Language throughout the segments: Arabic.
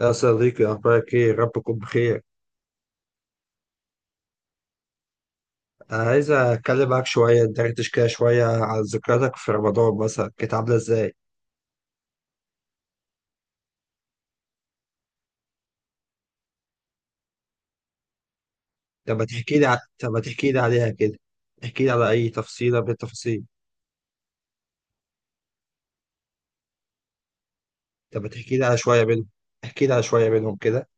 يا صديقي، أخبارك إيه؟ ربكم بخير. أنا عايز أتكلم معاك شوية ندردش كده شوية عن ذكرياتك في رمضان مثلا، كانت عاملة إزاي؟ طب ما تحكي لي عليها كده، احكي لي على أي تفصيلة من التفاصيل، طب ما تحكي لي على شوية منهم، احكي لي على شوية منهم كده.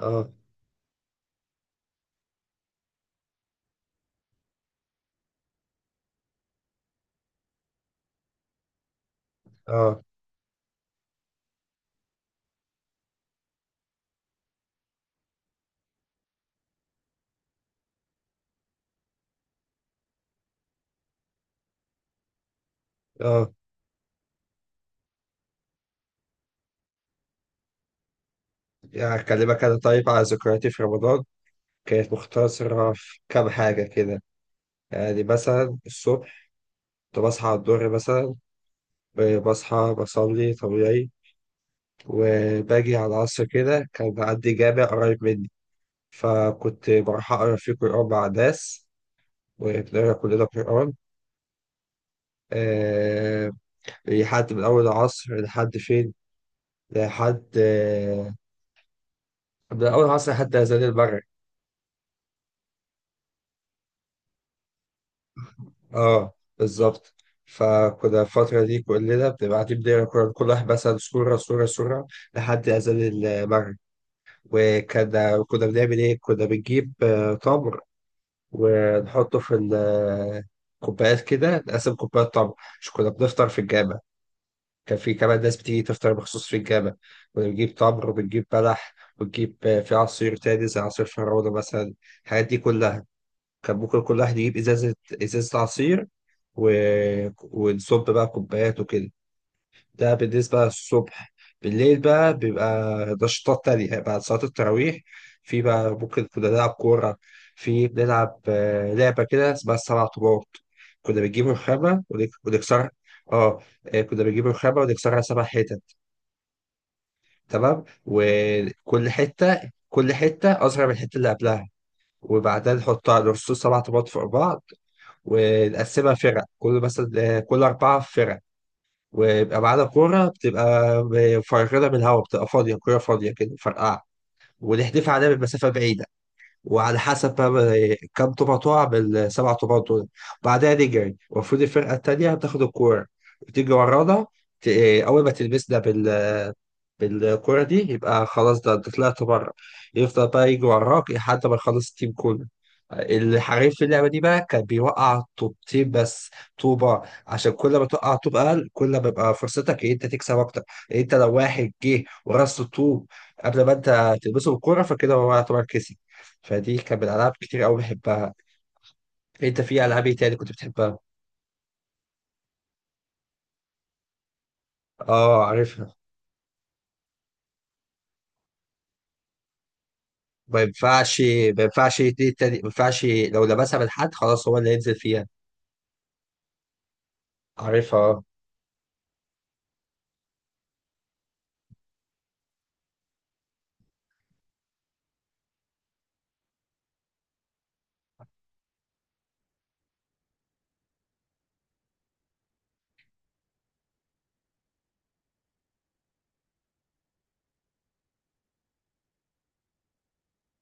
آه، آه، آه، يعني أكلمك أنا طيب على ذكرياتي في رمضان، كانت مختصرة في كام حاجة كده. يعني مثلا الصبح كنت بصحى على الظهر مثلا، بصحى بصلي طبيعي. وباجي على العصر كده كان بعدي جامع قريب مني، فكنت بروح أقرأ فيه قرآن مع الناس وبنقرأ كلنا قرآن. أه. لحد من أول العصر لحد فين؟ لحد من أول العصر لحد أذان المغرب. اه، بالظبط. فكنا الفترة دي كلنا بنبقى قاعدين بنقرا القرآن كل واحد مثلا سورة سورة سورة لحد أذان المغرب. وكنا بنعمل إيه؟ كنا بنجيب تمر، ونحطه في الكوبايات كده نقسم كوبايات تمر. مش كنا بنفطر في الجامع، كان في كمان ناس بتيجي تفطر مخصوص في الجامع. كنا بنجيب تمر وبنجيب بلح وبنجيب في عصير تاني زي عصير فراولة مثلا. الحاجات دي كلها كان ممكن كل واحد يجيب إزازة عصير، و... ونصب بقى كوبايات وكده. ده بالنسبة للصبح. بالليل بقى بيبقى نشاطات تانية بعد صلاة التراويح. في بقى ممكن كنا نلعب كورة. في بنلعب لعبة كده اسمها السبع طوبات. كنا بنجيب الخامة ونكسرها. اه. كنا بنجيب الخامة ونكسرها سبع حتت، تمام، وكل حتة أصغر من الحتة اللي قبلها. وبعدها نحطها نرص سبع طوبات فوق بعض، ونقسمها فرق، كل مثلا آه، كل أربعة فرق. ويبقى معانا كورة بتبقى مفرغة من الهواء، بتبقى فاضية، كورة فاضية كده مفرقعة، ونحدفها عليها من مسافة بعيدة. وعلى حسب بقى كم طوبة تقع بالسبع طوبات دول. بعدها نجري، المفروض الفرقة التانية بتاخد الكورة وتيجي ورانا. ت- أول ما تلمسنا بالكرة دي يبقى خلاص، ده انت طلعت بره. يفضل بقى يجي وراك لحد ما يخلص التيم كله. الحريف في اللعبة دي بقى كان بيوقع طوبتين بس، طوبة. عشان كل ما توقع طوب أقل، كل ما بيبقى فرصتك إن أنت تكسب أكتر. أنت لو واحد جه ورص الطوب قبل ما أنت تلبسه بالكورة، فكده هو يعتبر كسب. فدي كان من الألعاب كتير أوي بحبها. أنت في ألعاب إيه تاني كنت بتحبها؟ آه، عارفها. ما ينفعش ما ينفعش اتنين تاني، ما ينفعش لو لمسها من حد، خلاص هو اللي هينزل فيها. عارفها.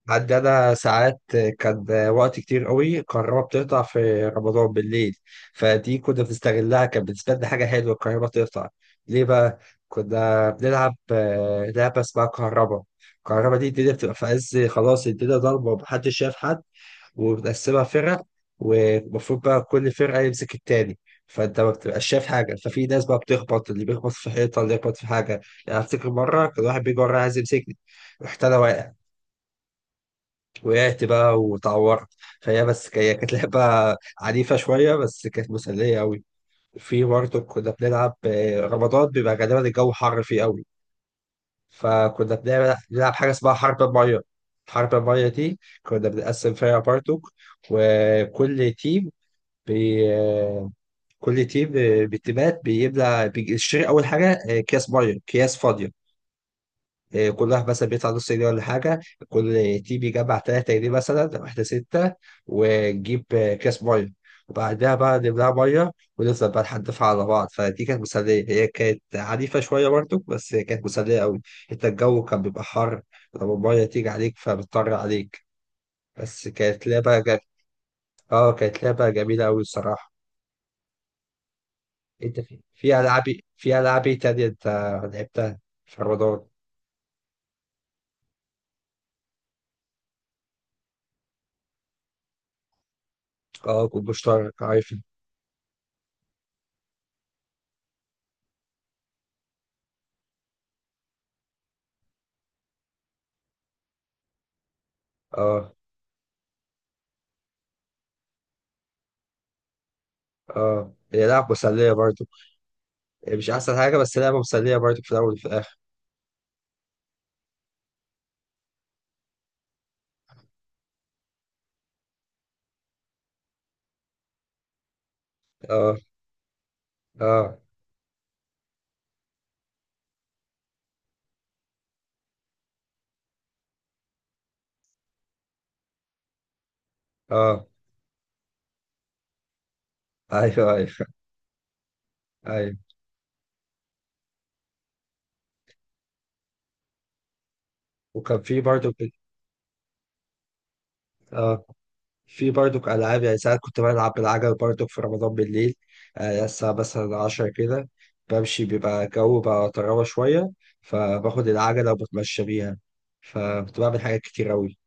عندي أنا ساعات كان وقت كتير قوي الكهرباء بتقطع في رمضان بالليل، فدي كنا بنستغلها، كانت بالنسبة لنا حاجة حلوة الكهرباء تقطع. ليه بقى؟ كنا بنلعب لعبة اسمها كهرباء. الكهرباء دي الدنيا بتبقى في عز خلاص، الدنيا ضلمة ومحدش شايف حد. وبنقسمها فرق، والمفروض بقى كل فرقة يمسك التاني. فانت ما بتبقاش شايف حاجه، ففي ناس بقى بتخبط، اللي بيخبط في حيطه، اللي بيخبط في حاجه. يعني افتكر مره كان واحد بيجي ورايا عايز يمسكني، رحت انا واقع. وقعت بقى واتعورت. هي كانت لعبة عنيفة شوية بس كانت مسلية أوي. في برضه كنا بنلعب، رمضان بيبقى غالبا الجو حر فيه أوي، فكنا بنلعب حاجة اسمها حرب المية. حرب المية دي كنا بنقسم فرقة برضه، وكل تيم بي آه، كل تيم آه، بالتيمات بيملى بيشتري أول حاجة أكياس مية، أكياس فاضية. إيه، كل واحد مثلا بيدفع نص جنيه ولا حاجة، كل تيم يجمع 3 جنيه مثلا، واحدة ستة. ونجيب كاس مية، وبعدها بقى نملاها مية، ونفضل بقى نحدفها على بعض. فدي كانت مسلية، هي كانت عنيفة شوية برضه بس هي كانت مسلية أوي. أنت الجو كان بيبقى حر، لما المية تيجي عليك فبتطر عليك. بس كانت لعبة. اه، كانت لعبة جميلة أوي الصراحة. أنت في ألعاب إيه تانية أنت لعبتها في رمضان؟ اه، كنت مشترك، عارف. اه. اه، هي لعبة مسلية برضو. هي مش أحسن حاجة بس لعبة مسلية برضو في الأول وفي الآخر. اه، اه، اه، أيوه، أيوه، أيوه، وكان في برضو. اه، في برضو ألعاب. يعني ساعات كنت بلعب بالعجل برضو في رمضان بالليل. الساعة مثلا 10 كده، بمشي بيبقى الجو بقى طراوة شوية، فباخد العجلة وبتمشى بيها. فكنت بعمل حاجات كتير أوي.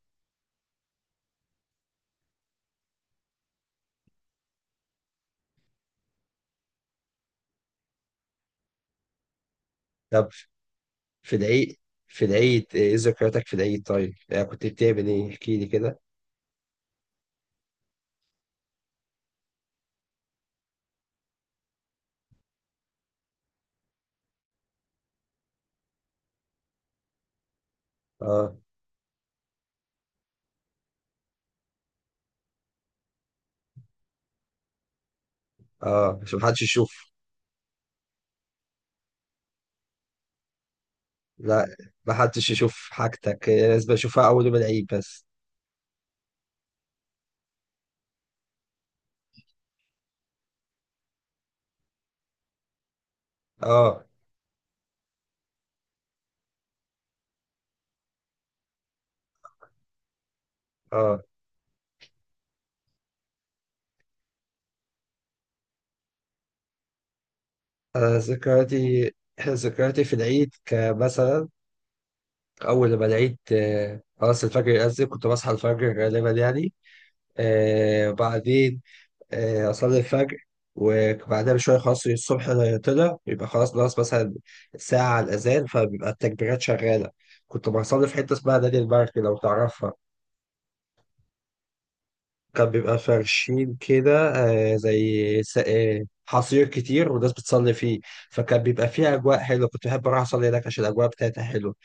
طب في العيد في العيد إيه ذكرياتك في العيد طيب؟ يعني كنت بتعمل إيه؟ احكيلي كده. اه، اه، عشان محدش يشوف. لا، محدش يشوف حاجتك، لازم اشوفها اول يوم العيد بس. اه، اه، انا ذكرياتي في العيد كمثلا، اول ما العيد خلاص الفجر يأذن كنت بصحى الفجر غالبا يعني. بعدين اصلي الفجر. وبعدها بشويه خلاص الصبح طلع، يبقى خلاص ناقص مثلا ساعه على الاذان، فبيبقى التكبيرات شغاله. كنت بصلي في حته اسمها نادي المرج لو تعرفها. كان بيبقى فرشين كده، زي حصير كتير والناس بتصلي فيه. فكان بيبقى فيه أجواء حلوة، كنت بحب أروح أصلي هناك عشان الأجواء بتاعتها حلوة.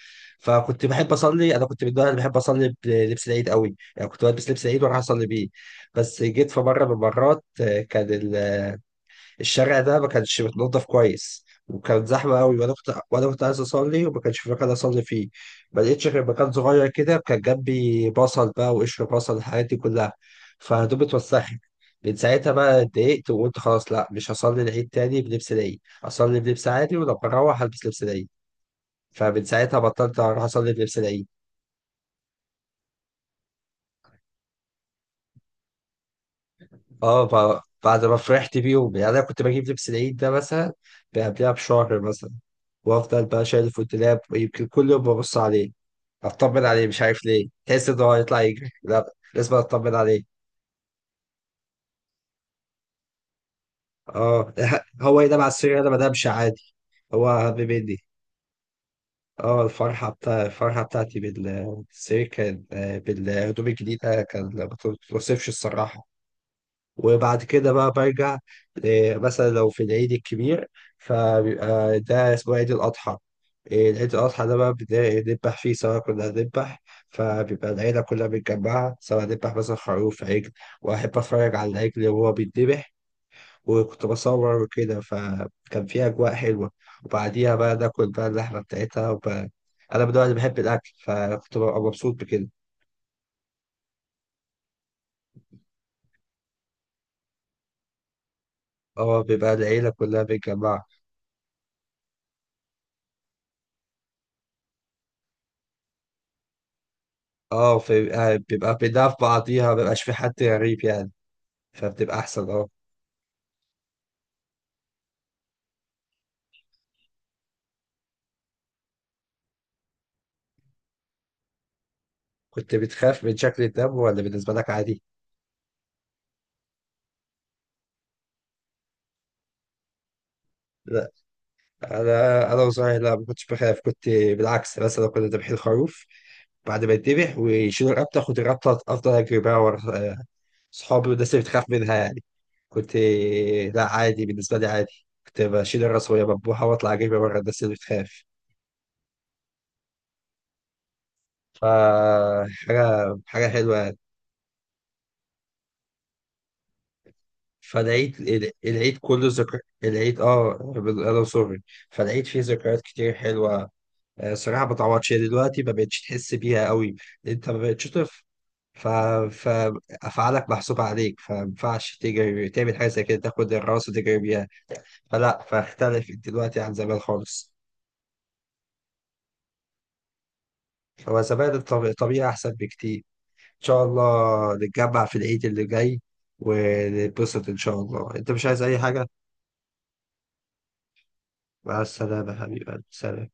فكنت بحب أصلي، أنا كنت من النوع اللي بحب أصلي بلبس العيد قوي، يعني كنت بلبس لبس العيد وأروح أصلي بيه. بس جيت في مرة من المرات كان الشارع ده ما كانش متنضف كويس، وكانت زحمه قوي، وانا كنت عايز اصلي وما كانش في مكان اصلي فيه. ما لقيتش غير مكان صغير كده كان جنبي بصل بقى، وقشر بصل، الحاجات دي كلها، فهدومي اتوسخت. من ساعتها بقى اتضايقت وقلت خلاص، لا مش هصلي العيد تاني بلبس العيد، اصلي بلبس عادي ولما اروح هلبس لبس العيد. فمن ساعتها بطلت اروح اصلي بلبس العيد. اه. بعد ما فرحت بيهم، يعني انا كنت بجيب لبس العيد ده مثلا قبلها بشهر مثلا، وافضل بقى شايل في الدولاب يمكن كل يوم ببص عليه اطمن عليه، مش عارف ليه تحس ان هو هيطلع يجري، لا لازم اطمن عليه. اه. هو ينام على السرير انا ما انامش عادي، هو اهم مني. اه، الفرحه بتاعتي بالسرير كان بالهدوم الجديده كان ما توصفش الصراحه. وبعد كده بقى برجع. مثلا لو في العيد الكبير، فبيبقى ده اسمه عيد الأضحى. عيد الأضحى ده بقى بنذبح فيه، سواء كنا هنذبح، فبيبقى العيلة كلها متجمعة، سواء نذبح مثلا خروف، عجل، وأحب أتفرج على العجل وهو بيتذبح، وكنت بصور وكده، فكان فيه أجواء حلوة. وبعديها بقى ناكل بقى اللحمة بتاعتها. أنا من النوع اللي بحب الأكل، فكنت ببقى مبسوط بكده. اه، بيبقى العيلة كلها متجمعة. اه، فبيبقى بيبقى بيدافع بعضيها، مبيبقاش في حد غريب يعني. فبتبقى احسن اه كنت بتخاف من شكل الدب ولا بالنسبه لك عادي؟ لا، انا وصغير، لا ما كنتش بخاف، كنت بالعكس. مثلا كنا ذابحين خروف، بعد ما يتذبح ويشيلوا الرابطه، كنت الرابطه افضل اجري بقى ورا صحابي والناس اللي بتخاف منها يعني. كنت لا عادي بالنسبه لي عادي، كنت بشيل الراس وهي مذبوحه واطلع اجري ورا الناس اللي بتخاف. فحاجه حلوه. فالعيد العيد كله ذكر. العيد انا سوري. فالعيد فيه ذكريات كتير حلوه. صراحه ما تعوضش، هي دلوقتي ما بقتش تحس بيها قوي، انت ما بقتش طفل. ف... فافعالك محسوبه عليك، فما ينفعش تجري تعمل حاجه زي كده تاخد الراس وتجري بيها. فلا، فاختلفت دلوقتي عن زمان خالص. هو زمان الطبيعه احسن بكتير. ان شاء الله نتجمع في العيد اللي جاي ونتبسط ان شاء الله. انت مش عايز اي حاجه؟ مع السلامه حبيبي، سلام.